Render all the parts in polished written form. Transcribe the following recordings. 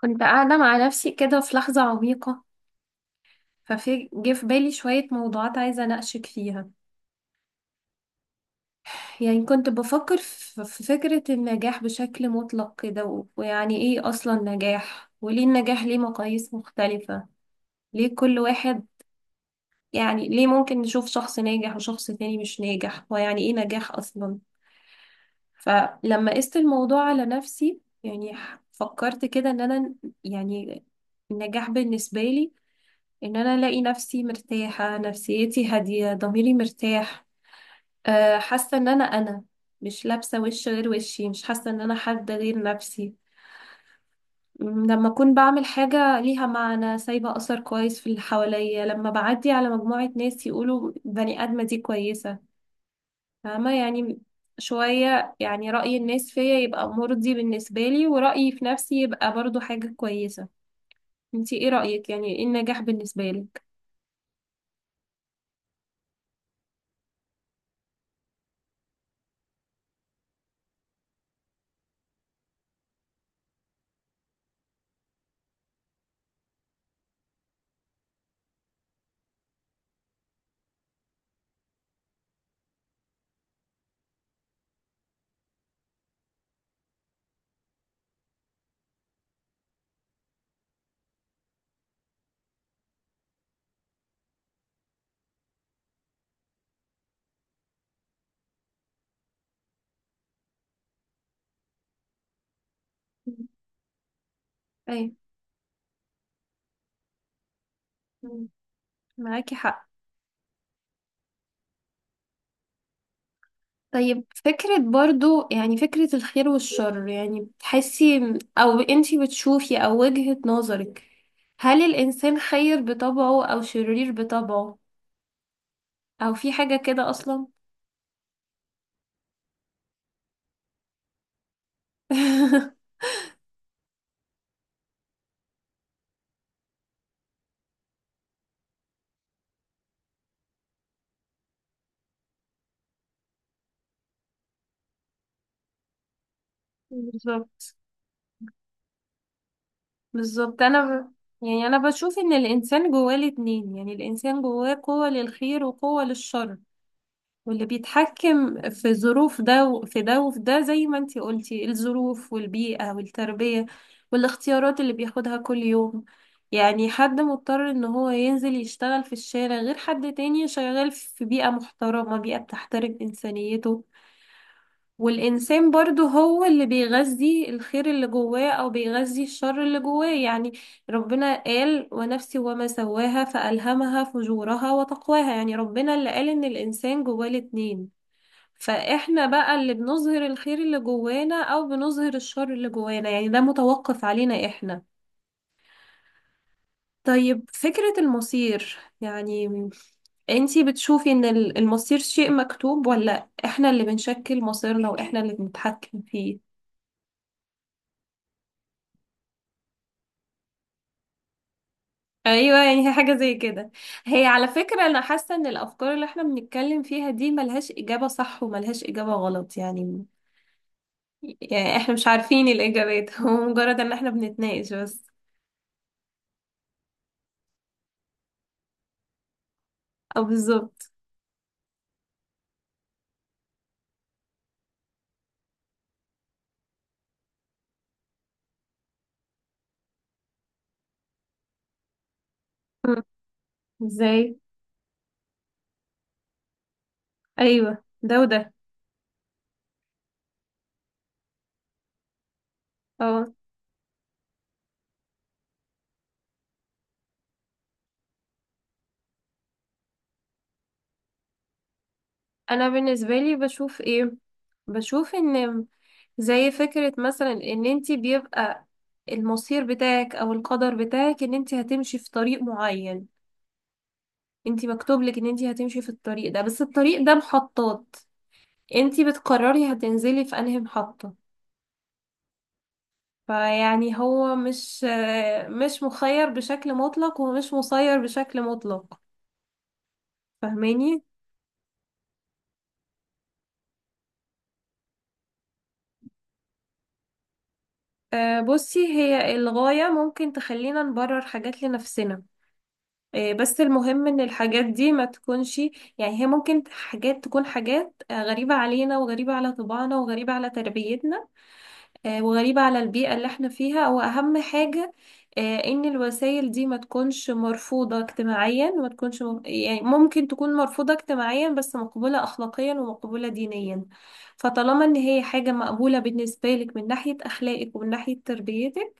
كنت قاعدة مع نفسي كده في لحظة عميقة. ففي جه في بالي شوية موضوعات عايزة أناقشك فيها. يعني كنت بفكر في فكرة النجاح بشكل مطلق كده ويعني إيه أصلا نجاح، وليه النجاح ليه مقاييس مختلفة؟ ليه كل واحد، يعني ليه ممكن نشوف شخص ناجح وشخص تاني مش ناجح، ويعني إيه نجاح أصلا؟ فلما قست الموضوع على نفسي، يعني فكرت كده إن أنا، يعني النجاح بالنسبة لي، ان انا الاقي نفسي مرتاحة، نفسيتي هادية، ضميري مرتاح. حاسة ان انا مش لابسة وش غير وشي، مش حاسة ان انا حد غير نفسي. لما اكون بعمل حاجة ليها معنى، سايبة اثر كويس في اللي حواليا، لما بعدي على مجموعة ناس يقولوا بني ادمة دي كويسة. فاهمة يعني؟ شوية يعني رأي الناس فيا يبقى مرضي بالنسبة لي، ورأيي في نفسي يبقى برضو حاجة كويسة. انتي ايه رأيك، يعني ايه النجاح بالنسبة لك؟ اي، معاكي حق. طيب، فكرة برضو يعني فكرة الخير والشر، يعني بتحسي أو أنتي بتشوفي أو وجهة نظرك، هل الإنسان خير بطبعه أو شرير بطبعه، أو في حاجة كده أصلا؟ بالظبط. بالظبط. يعني أنا بشوف إن الإنسان جواه الاتنين، يعني الإنسان جواه قوة للخير وقوة للشر. واللي بيتحكم في ظروف ده وفي ده وفي ده، زي ما انتي قلتي، الظروف والبيئة والتربية، والاختيارات اللي بياخدها كل يوم. يعني حد مضطر ان هو ينزل يشتغل في الشارع غير حد تاني شغال في بيئة محترمة، بيئة بتحترم إنسانيته. والإنسان برضو هو اللي بيغذي الخير اللي جواه أو بيغذي الشر اللي جواه، يعني ربنا قال: ونفسي وما سواها فألهمها فجورها وتقواها، يعني ربنا اللي قال إن الإنسان جواه الاتنين. فاحنا بقى اللي بنظهر الخير اللي جوانا او بنظهر الشر اللي جوانا، يعني ده متوقف علينا احنا. طيب، فكرة المصير، يعني انتي بتشوفي ان المصير شيء مكتوب، ولا احنا اللي بنشكل مصيرنا واحنا اللي بنتحكم فيه؟ ايوه، يعني هي حاجة زي كده. هي على فكرة انا حاسة ان الافكار اللي احنا بنتكلم فيها دي ملهاش اجابة صح وملهاش اجابة غلط يعني. يعني احنا مش عارفين الاجابات. هو مجرد ان احنا بنتناقش بس. او بالظبط. ازاي؟ ايوه، ده وده. اه انا بالنسبه لي بشوف ايه، بشوف ان، زي فكره مثلا ان انتي بيبقى المصير بتاعك او القدر بتاعك ان انتي هتمشي في طريق معين، انتي مكتوب لك ان انتي هتمشي في الطريق ده، بس الطريق ده محطات، انتي بتقرري هتنزلي في انهي محطه. فيعني هو مش مخير بشكل مطلق ومش مسير بشكل مطلق، فاهماني؟ آه، بصي، هي الغاية ممكن تخلينا نبرر حاجات لنفسنا. آه، بس المهم ان الحاجات دي ما تكونش، يعني هي ممكن حاجات تكون حاجات آه، غريبة علينا وغريبة على طباعنا وغريبة على تربيتنا، آه، وغريبة على البيئة اللي احنا فيها، واهم حاجة، آه، ان الوسائل دي ما تكونش مرفوضة اجتماعيا، وما تكونش يعني ممكن تكون مرفوضة اجتماعيا بس مقبولة اخلاقيا ومقبولة دينيا. فطالما ان هي حاجة مقبولة بالنسبة لك من ناحية اخلاقك ومن ناحية تربيتك،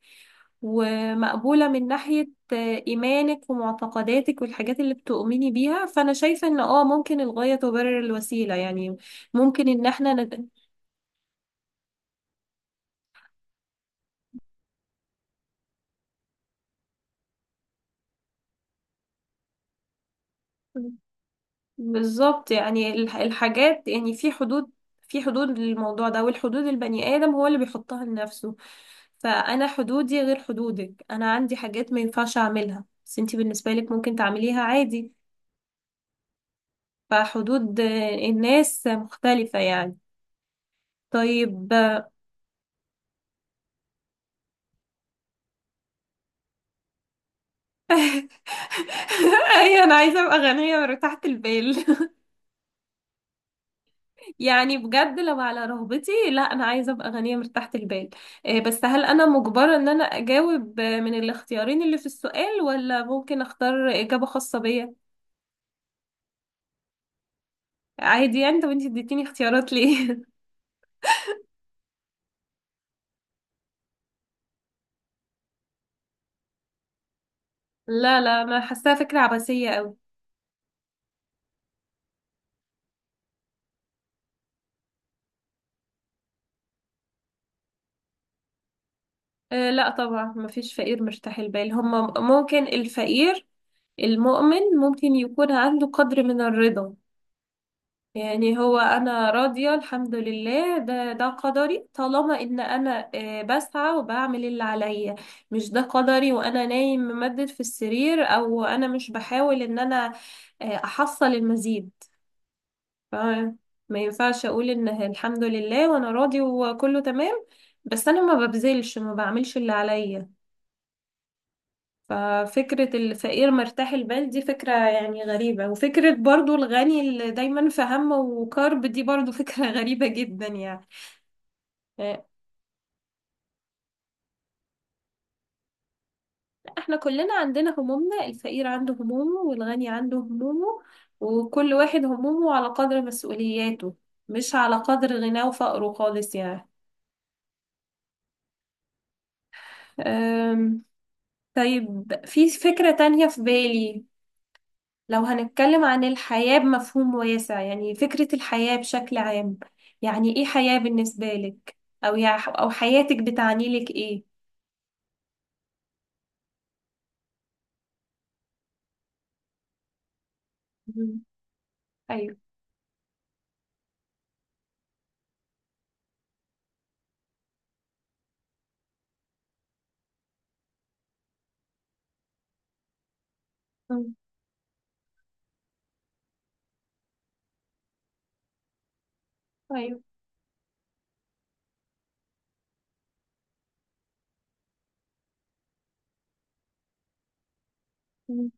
ومقبولة من ناحية إيمانك ومعتقداتك والحاجات اللي بتؤمني بيها، فأنا شايفة إن ممكن الغاية تبرر الوسيلة يعني. ممكن إن إحنا بالظبط، يعني الحاجات، يعني في حدود، للموضوع ده، والحدود البني آدم هو اللي بيحطها لنفسه. فأنا حدودي غير حدودك، أنا عندي حاجات ما ينفعش أعملها بس أنتي بالنسبة لك ممكن تعمليها عادي. فحدود الناس مختلفة يعني. طيب. ايوه، انا عايزه ابقى غنيه مرتاحه البال. يعني بجد، لو على رغبتي، لا، انا عايزه ابقى غنيه مرتاحه البال. إيه، بس هل انا مجبره ان انا اجاوب من الاختيارين اللي في السؤال، ولا ممكن اختار اجابه خاصه بيا؟ عادي يعني، طب انتي اديتيني اختيارات ليه؟ لا، لا، انا حاساها فكره عبثيه قوي. إيه، لا طبعا، مفيش فقير مرتاح البال، هما ممكن الفقير المؤمن ممكن يكون عنده قدر من الرضا. يعني هو أنا راضية الحمد لله، ده قدري طالما إن أنا بسعى وبعمل اللي عليا. مش ده قدري وأنا نايم ممدد في السرير، أو أنا مش بحاول إن أنا أحصل المزيد. ف- ما ينفعش أقول إن الحمد لله وأنا راضي وكله تمام، بس أنا ما ببذلش، ما بعملش اللي عليا. ففكرة الفقير مرتاح البال دي فكرة يعني غريبة، وفكرة برضو الغني اللي دايما في هم وكرب دي برضو فكرة غريبة جدا يعني. آه، احنا كلنا عندنا همومنا، الفقير عنده همومه والغني عنده همومه، وكل واحد همومه على قدر مسؤولياته، مش على قدر غناه وفقره خالص يعني. أم، طيب، في فكرة تانية في بالي، لو هنتكلم عن الحياة بمفهوم واسع، يعني فكرة الحياة بشكل عام، يعني ايه حياة بالنسبة لك، او او حياتك بتعني لك ايه؟ مم. ايوه. مم. ايوه. مم.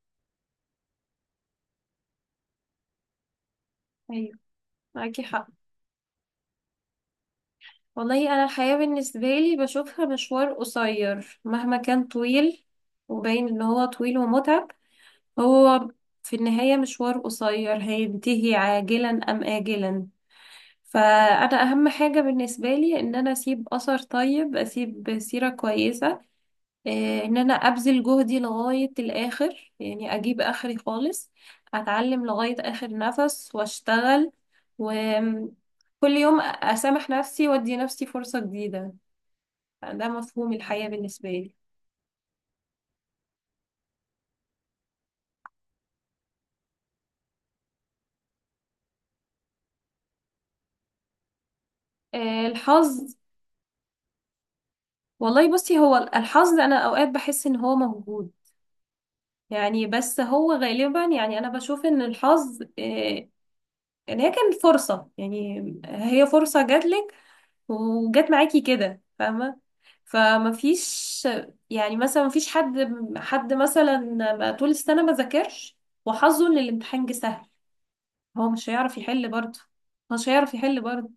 ايوه، معاكي حق. والله انا الحياة بالنسبة لي بشوفها مشوار قصير مهما كان طويل، وباين ان هو طويل ومتعب، هو في النهاية مشوار قصير هينتهي عاجلا ام آجلا. فأنا أهم حاجة بالنسبة لي إن أنا أسيب أثر طيب، أسيب سيرة كويسة، آه، إن أنا أبذل جهدي لغاية الآخر، يعني أجيب آخري خالص، أتعلم لغاية آخر نفس وأشتغل، وكل يوم أسامح نفسي وأدي نفسي فرصة جديدة. ده مفهوم الحياة بالنسبة لي. آه، الحظ. والله بصي، هو الحظ أنا أوقات بحس إن هو موجود يعني، بس هو غالبا يعني أنا بشوف إن الحظ يعني هي كانت فرصة، يعني هي فرصة جاتلك وجات معاكي كده، فاهمة؟ فما فيش، يعني مثلا ما فيش حد مثلا ما طول السنة ما ذاكرش، وحظه ان الامتحان جه سهل، هو مش هيعرف يحل برضه. مش هيعرف يحل برضه.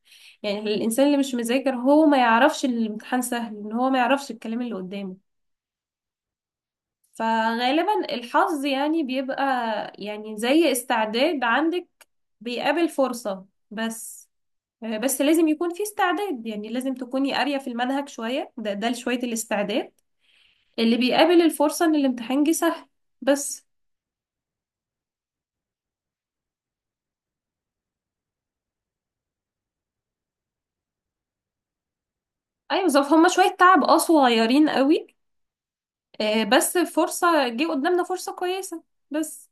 يعني الانسان اللي مش مذاكر هو ما يعرفش ان الامتحان سهل، ان هو ما يعرفش الكلام اللي قدامه. فغالبا الحظ يعني بيبقى، يعني زي استعداد عندك بيقابل فرصة، بس آه، بس لازم يكون في استعداد، يعني لازم تكوني قارية في المنهج شوية، ده شوية الاستعداد اللي بيقابل الفرصة ان الامتحان جه سهل، بس. ايوه، ظرف، هما شوية تعب صغيرين قوي، آه، بس فرصة جه قدامنا، فرصة كويسة، بس.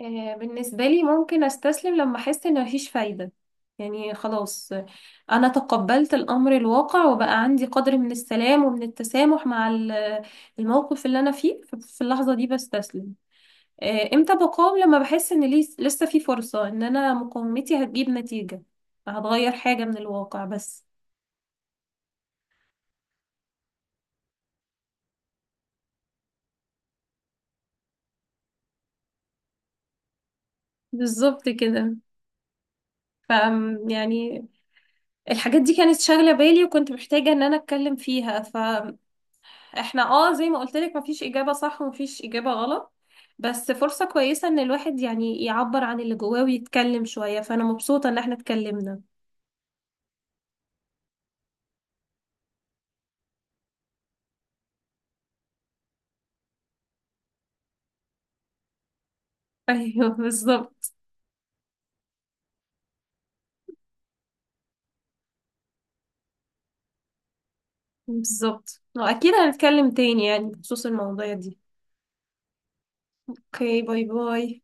آه، بالنسبة لي ممكن استسلم لما احس ان مفيش فايدة. يعني خلاص، انا تقبلت الامر الواقع وبقى عندي قدر من السلام ومن التسامح مع الموقف اللي انا فيه، في اللحظة دي بستسلم. آه، امتى بقاوم؟ لما بحس ان لسه في فرصة ان انا مقاومتي هتجيب نتيجة، هتغير حاجة من الواقع، بس. بالظبط كده. ف يعني الحاجات دي كانت شاغلة بالي وكنت محتاجة ان انا اتكلم فيها، فاحنا اه زي ما قلت لك، مفيش اجابة صح ومفيش اجابة غلط، بس فرصة كويسة ان الواحد يعني يعبر عن اللي جواه ويتكلم شوية، فانا مبسوطة ان احنا اتكلمنا. ايوه، بالظبط. بالظبط، واكيد هنتكلم تاني، يعني بخصوص المواضيع دي. اوكي، باي باي.